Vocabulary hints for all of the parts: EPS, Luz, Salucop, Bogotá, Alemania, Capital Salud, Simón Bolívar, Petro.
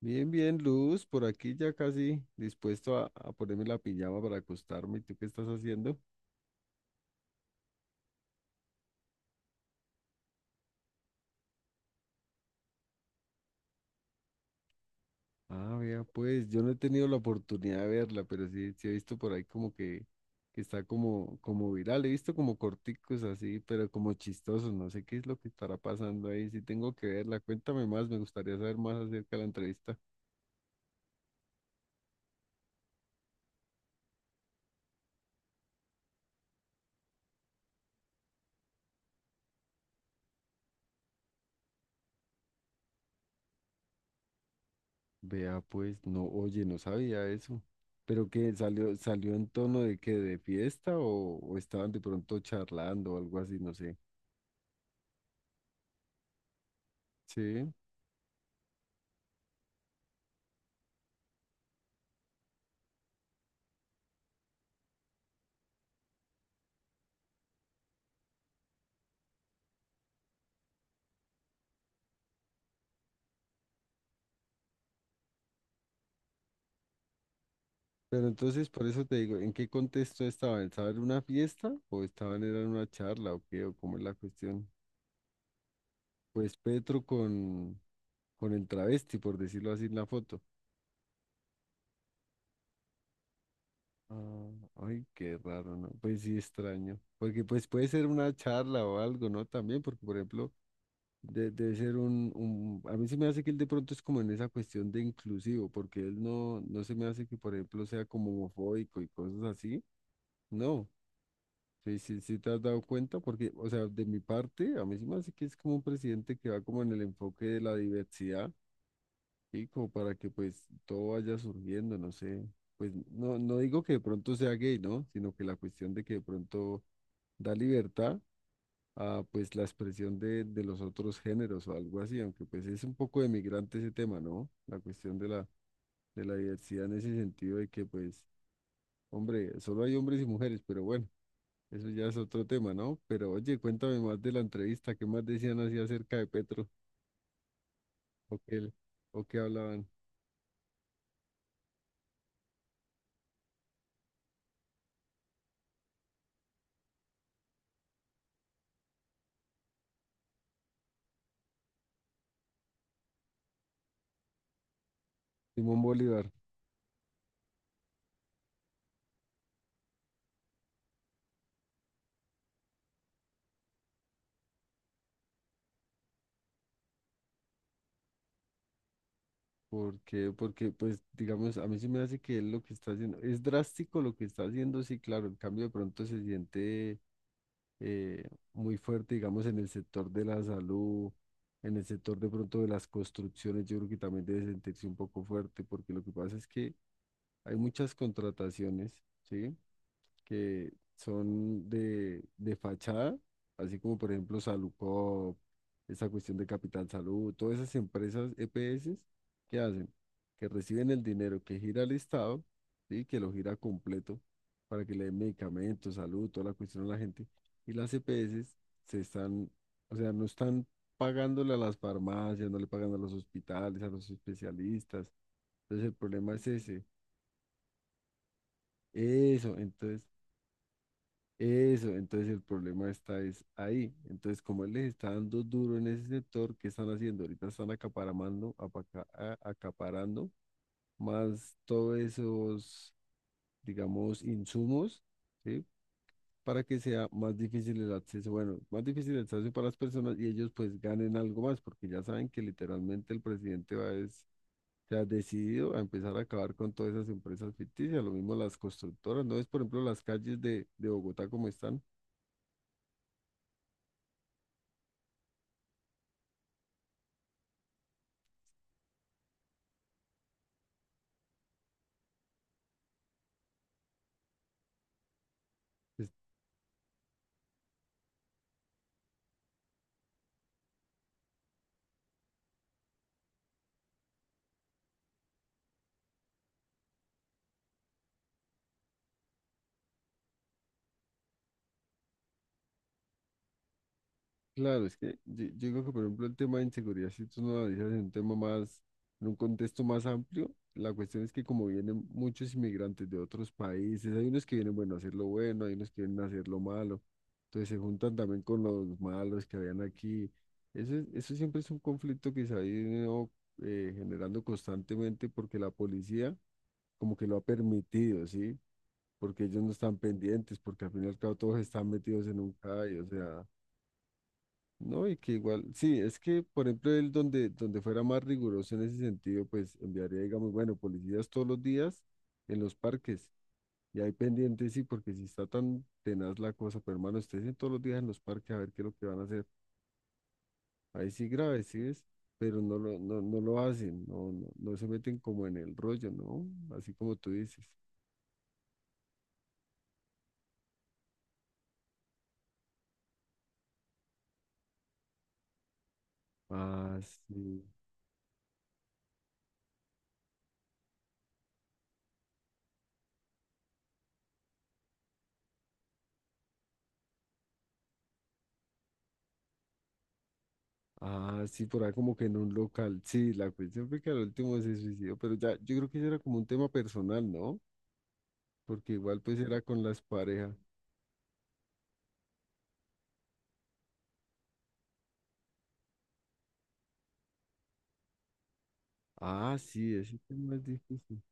Bien, bien, Luz, por aquí ya casi dispuesto a ponerme la pijama para acostarme. ¿Y tú qué estás haciendo? Ah, vea, pues yo no he tenido la oportunidad de verla, pero sí, sí he visto por ahí que está como, como viral. He visto como corticos así, pero como chistosos. No sé qué es lo que estará pasando ahí. Sí tengo que verla. Cuéntame más, me gustaría saber más acerca de la entrevista. Vea, pues, no, oye, no sabía eso. ¿Pero qué salió, salió en tono de que de fiesta o estaban de pronto charlando o algo así? No sé. Sí, pero entonces por eso te digo, ¿en qué contexto estaban? ¿Estaban en una fiesta o estaban era en una charla o qué? ¿O cómo es la cuestión? Pues Petro con el travesti, por decirlo así en la foto. Ah, ay, qué raro, ¿no? Pues sí, extraño. Porque pues puede ser una charla o algo, ¿no? También, porque por ejemplo, debe ser un A mí se me hace que él de pronto es como en esa cuestión de inclusivo, porque él no, no se me hace que por ejemplo sea como homofóbico y cosas así. No. Sí, sí, sí, te has dado cuenta, porque, o sea, de mi parte, a mí sí me hace que es como un presidente que va como en el enfoque de la diversidad y como para que pues todo vaya surgiendo, no sé, pues no, no digo que de pronto sea gay, ¿no? Sino que la cuestión de que de pronto da libertad a pues la expresión de los otros géneros o algo así, aunque pues es un poco de migrante ese tema, ¿no? La cuestión de la, De la diversidad en ese sentido de que pues, hombre, solo hay hombres y mujeres, pero bueno. Eso ya es otro tema, ¿no? Pero oye, cuéntame más de la entrevista, ¿qué más decían así acerca de Petro? ¿O qué, ¿O qué hablaban? Simón Bolívar, pues, digamos, a mí sí me hace que él lo que está haciendo, es drástico lo que está haciendo, sí, claro, el cambio de pronto se siente eh, muy fuerte, digamos, en el sector de la salud, en el sector de pronto de las construcciones, yo creo que también debe sentirse un poco fuerte, porque lo que pasa es que hay muchas contrataciones, ¿sí? Que son de fachada, así como por ejemplo Salucop, esa cuestión de Capital Salud, todas esas empresas EPS, que hacen? Que reciben el dinero que gira el Estado, ¿sí? Que lo gira completo para que le den medicamentos, salud, toda la cuestión a la gente. Y las EPS se están, o sea, no están pagándole a las farmacias, no le pagan a los hospitales, a los especialistas. Entonces el problema es ese. Eso, entonces eso, entonces el problema está es ahí. Entonces, como él les está dando duro en ese sector, ¿qué están haciendo? Ahorita están acaparando más todos esos, digamos, insumos, ¿sí? Para que sea más difícil el acceso, bueno, más difícil el acceso para las personas y ellos pues ganen algo más, porque ya saben que literalmente el presidente va es, se ha decidido a empezar a acabar con todas esas empresas ficticias, lo mismo las constructoras, ¿no es, por ejemplo, las calles de Bogotá como están? Claro, es que yo digo que, por ejemplo, el tema de inseguridad, si tú no lo analizas en un contexto más amplio, la cuestión es que como vienen muchos inmigrantes de otros países, hay unos que vienen, bueno, a hacer lo bueno, hay unos que vienen a hacer lo malo, entonces se juntan también con los malos que habían aquí. Eso, eso siempre es un conflicto que se ha ido generando constantemente porque la policía como que lo ha permitido, ¿sí? Porque ellos no están pendientes, porque al final y al cabo todos están metidos en un callo, o sea... No, y que igual, sí, es que, por ejemplo, él donde fuera más riguroso en ese sentido, pues enviaría, digamos, bueno, policías todos los días en los parques. Y ahí pendientes, sí, porque si está tan tenaz la cosa, pero hermano, ustedes en todos los días en los parques a ver qué es lo que van a hacer. Ahí sí grave, sí es, pero no lo hacen, no, no, no se meten como en el rollo, ¿no? Así como tú dices. Ah, sí. Ah, sí, por ahí como que en un local. Sí, la cuestión fue que al último se suicidó, pero ya, yo creo que eso era como un tema personal, ¿no? Porque igual pues era con las parejas. Ah, sí, ese tema es difícil.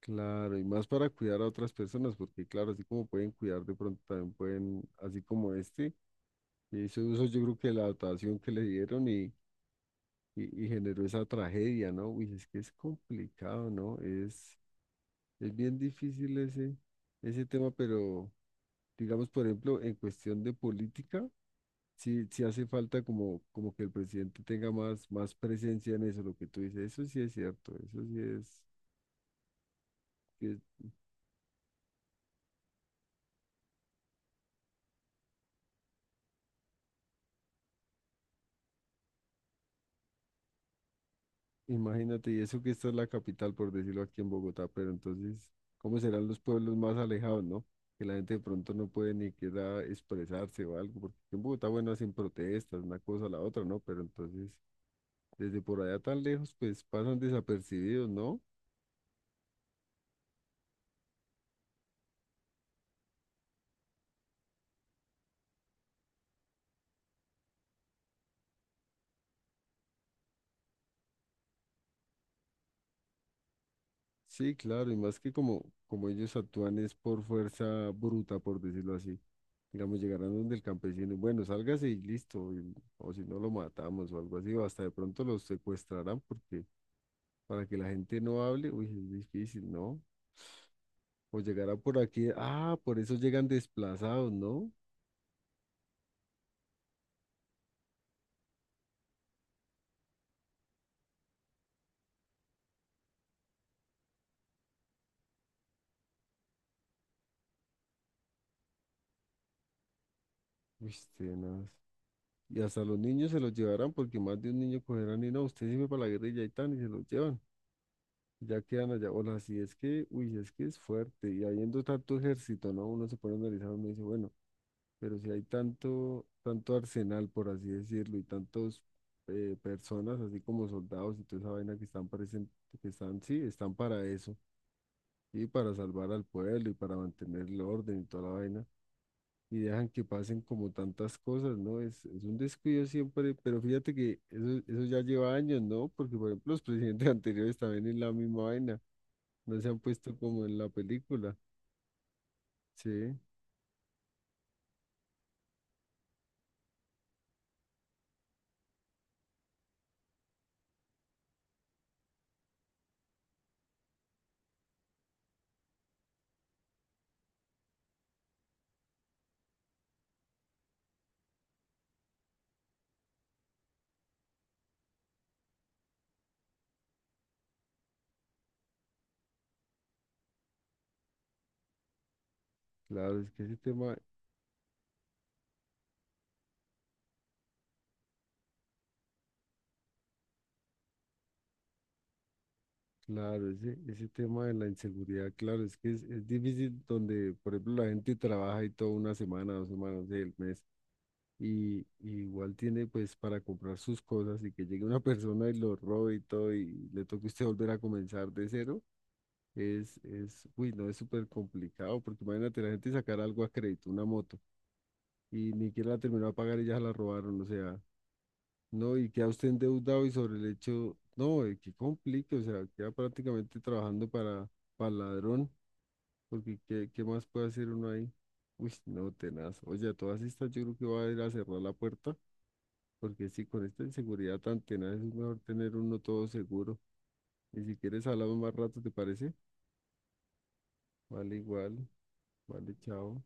Claro, y más para cuidar a otras personas, porque claro, así como pueden cuidar, de pronto también pueden, así como este, que hizo uso yo creo que de la dotación que le dieron y generó esa tragedia, ¿no? Uy, es que es complicado, ¿no? Es bien difícil ese, ese tema, pero digamos, por ejemplo, en cuestión de política. Sí, sí hace falta como, como que el presidente tenga más, más presencia en eso, lo que tú dices, eso sí es cierto, eso sí es, que- imagínate, y eso que esta es la capital, por decirlo aquí en Bogotá, pero entonces, ¿cómo serán los pueblos más alejados, no? Que la gente de pronto no puede ni queda expresarse o algo, porque aquí en Bogotá, bueno, hacen protestas, una cosa a la otra, ¿no? Pero entonces, desde por allá tan lejos, pues pasan desapercibidos, ¿no? Sí, claro, y más que como, como ellos actúan es por fuerza bruta, por decirlo así. Digamos, llegarán donde el campesino, bueno, sálgase y listo, o si no lo matamos o algo así, o hasta de pronto los secuestrarán porque para que la gente no hable, uy, es difícil, ¿no? O llegará por aquí, ah, por eso llegan desplazados, ¿no? Uy, tenaz. Y hasta los niños se los llevarán porque más de un niño cogerán y no, usted sirve para la guerrilla y tan, y se los llevan. Ya quedan allá. Hola, así es que, uy, es que es fuerte. Y habiendo tanto ejército, ¿no? Uno se pone a analizar, uno dice, bueno, pero si hay tanto, tanto arsenal, por así decirlo, y tantos personas, así como soldados y toda esa vaina que están parecen, que están, sí, están para eso, y para salvar al pueblo y para mantener el orden y toda la vaina. Y dejan que pasen como tantas cosas, ¿no? Es un descuido siempre, pero fíjate que eso ya lleva años, ¿no? Porque, por ejemplo, los presidentes anteriores también en la misma vaina no se han puesto como en la película. Sí, claro, es que ese tema, claro, ese tema de la inseguridad, claro, es que es difícil donde, por ejemplo, la gente trabaja y toda una semana, dos semanas del mes, y igual tiene pues para comprar sus cosas y que llegue una persona y lo robe y todo y le toque a usted volver a comenzar de cero, es, uy, no, es súper complicado, porque imagínate la gente sacar algo a crédito, una moto, y ni siquiera la terminó a pagar y ya se la robaron, o sea. No, y queda usted endeudado y sobre el hecho, no, qué complique, o sea, queda prácticamente trabajando para ladrón, porque ¿qué, qué más puede hacer uno ahí? Uy, no, tenaz. Oye, a todas estas yo creo que va a ir a cerrar la puerta, porque si con esta inseguridad tan tenaz es mejor tener uno todo seguro. Y si quieres hablamos más rato, ¿te parece? Vale, igual, vale, chao.